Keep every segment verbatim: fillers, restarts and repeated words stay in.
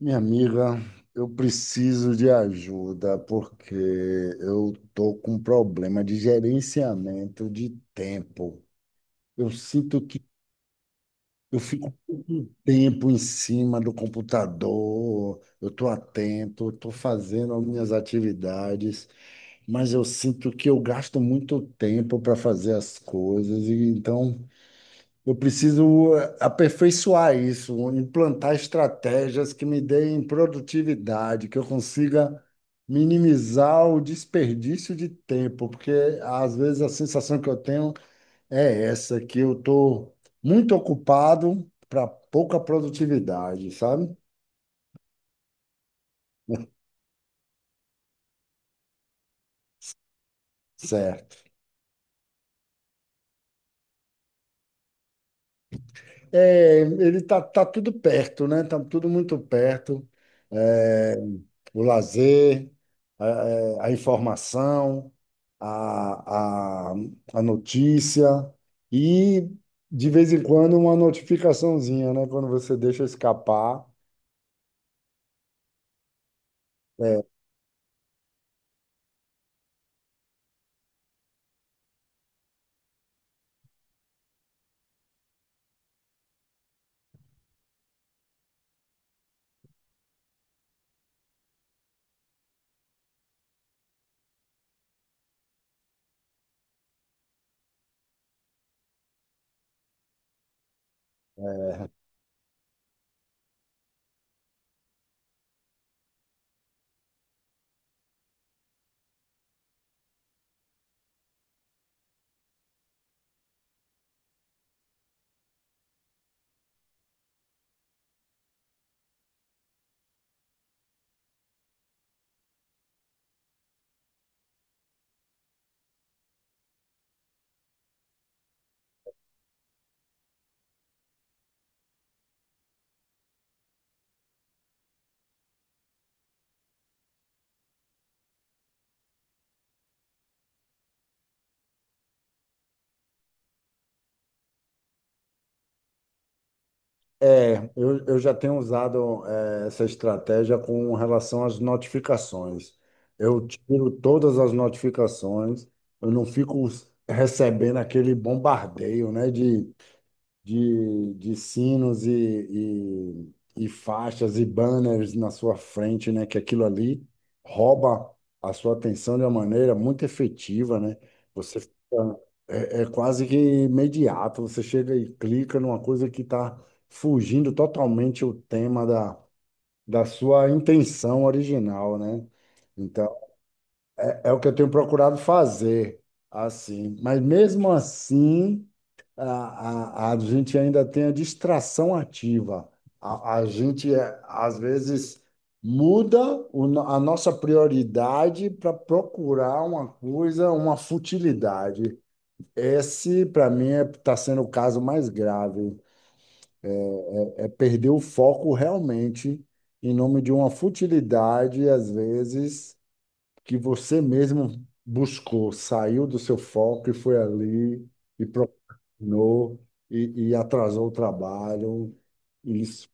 Minha amiga, eu preciso de ajuda porque eu tô com um problema de gerenciamento de tempo. Eu sinto que eu fico muito tempo em cima do computador, eu tô atento, eu tô fazendo as minhas atividades, mas eu sinto que eu gasto muito tempo para fazer as coisas e então eu preciso eh, aperfeiçoar isso, implantar estratégias que me deem produtividade, que eu consiga minimizar o desperdício de tempo, porque às vezes a sensação que eu tenho é essa, que eu estou muito ocupado para pouca produtividade, sabe? Certo. É, ele tá, tá tudo perto, né? Tá tudo muito perto. É, o lazer, a, a a informação, a, a, a notícia e, de vez em quando, uma notificaçãozinha, né? Quando você deixa escapar. É, eu, eu já tenho usado eh, essa estratégia com relação às notificações. Eu tiro todas as notificações, eu não fico recebendo aquele bombardeio, né, de de, de sinos e, e, e faixas e banners na sua frente, né? Que aquilo ali rouba a sua atenção de uma maneira muito efetiva, né? Você fica, é, é quase que imediato, você chega e clica numa coisa que está fugindo totalmente o tema da, da sua intenção original, né? Então, é, é o que eu tenho procurado fazer, assim. Mas mesmo assim a, a, a gente ainda tem a distração ativa. A, a gente, é, às vezes, muda o no- a nossa prioridade para procurar uma coisa, uma futilidade. Esse, para mim, está sendo o caso mais grave. É perder o foco realmente em nome de uma futilidade, às vezes, que você mesmo buscou, saiu do seu foco e foi ali e procrastinou e, e atrasou o trabalho. Isso.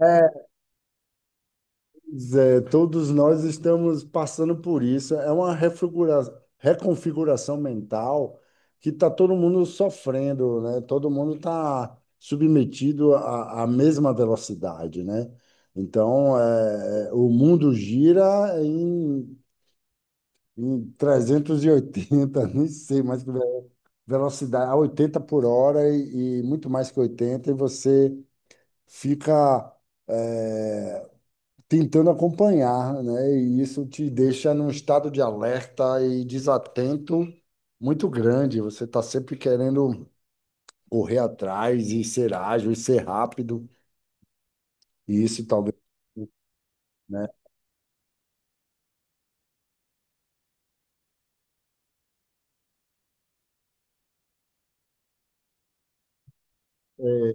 É, Zé, todos nós estamos passando por isso. É uma refigura- reconfiguração mental que está todo mundo sofrendo, né? Todo mundo está submetido à, à mesma velocidade, né? Então, é, é, o mundo gira em trezentos e oitenta nem sei mais que ve- velocidade, a oitenta por hora e, e muito mais que oitenta e você fica eh, tentando acompanhar, né? E isso te deixa num estado de alerta e desatento muito grande. Você está sempre querendo correr atrás e ser ágil e ser rápido, e isso talvez, né? eh,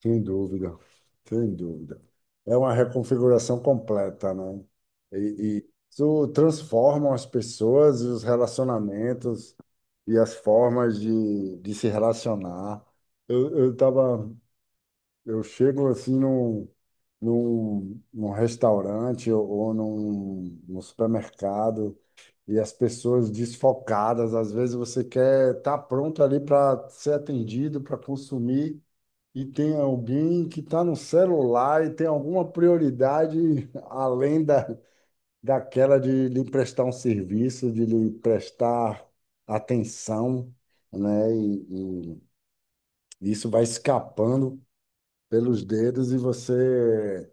Sem dúvida, sem dúvida. É uma reconfiguração completa, né? E, e isso transforma as pessoas e os relacionamentos e as formas de, de se relacionar. Eu, eu tava, eu chego assim num, num, num restaurante ou, ou num, num supermercado e as pessoas desfocadas. Às vezes você quer estar pronto ali para ser atendido, para consumir e tem alguém que está no celular e tem alguma prioridade além da, daquela de lhe prestar um serviço, de lhe prestar atenção, né? E, e isso vai escapando pelos dedos e você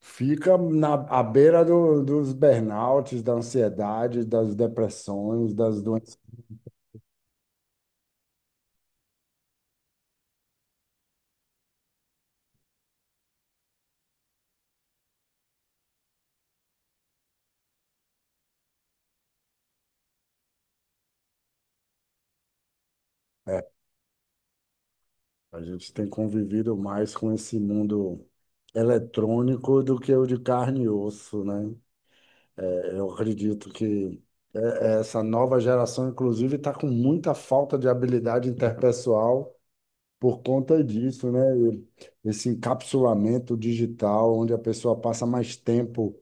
fica na, à beira do, dos burnouts, da ansiedade, das depressões, das doenças. A gente tem convivido mais com esse mundo eletrônico do que o de carne e osso, né? Eu acredito que essa nova geração, inclusive, está com muita falta de habilidade interpessoal por conta disso, né? Esse encapsulamento digital, onde a pessoa passa mais tempo.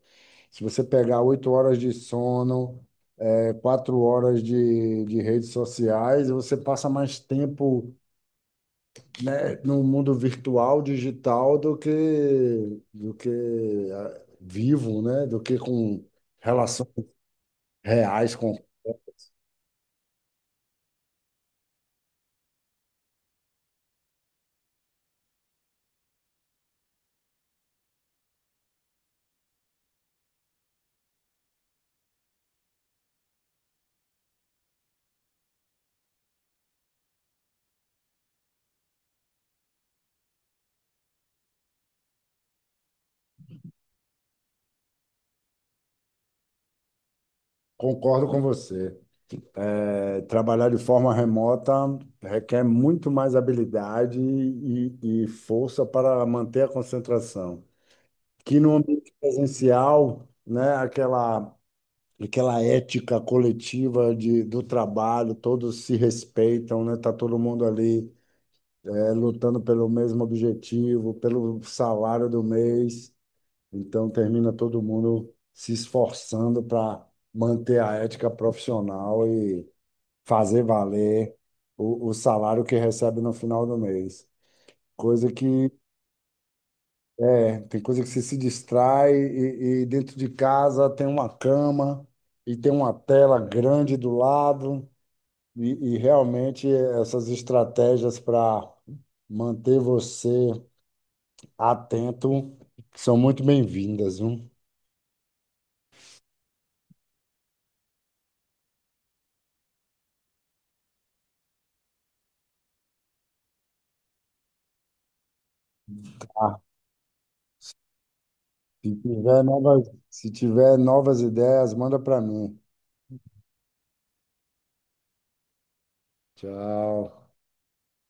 Se você pegar oito horas de sono, é quatro horas de, de redes sociais, você passa mais tempo, né, no mundo virtual, digital, do que, do que ah, vivo, né? Do que com relações reais, com Concordo com você. É, trabalhar de forma remota requer muito mais habilidade e, e força para manter a concentração. Que no ambiente presencial, né, aquela, aquela ética coletiva de, do trabalho, todos se respeitam, né, tá todo mundo ali, é, lutando pelo mesmo objetivo, pelo salário do mês. Então termina todo mundo se esforçando para manter a ética profissional e fazer valer o, o salário que recebe no final do mês. Coisa que é, tem coisa que você se distrai e, e dentro de casa tem uma cama e tem uma tela grande do lado e, e realmente essas estratégias para manter você atento são muito bem-vindas, viu? Ah, se tiver novas, se tiver novas ideias, manda para mim. Tchau.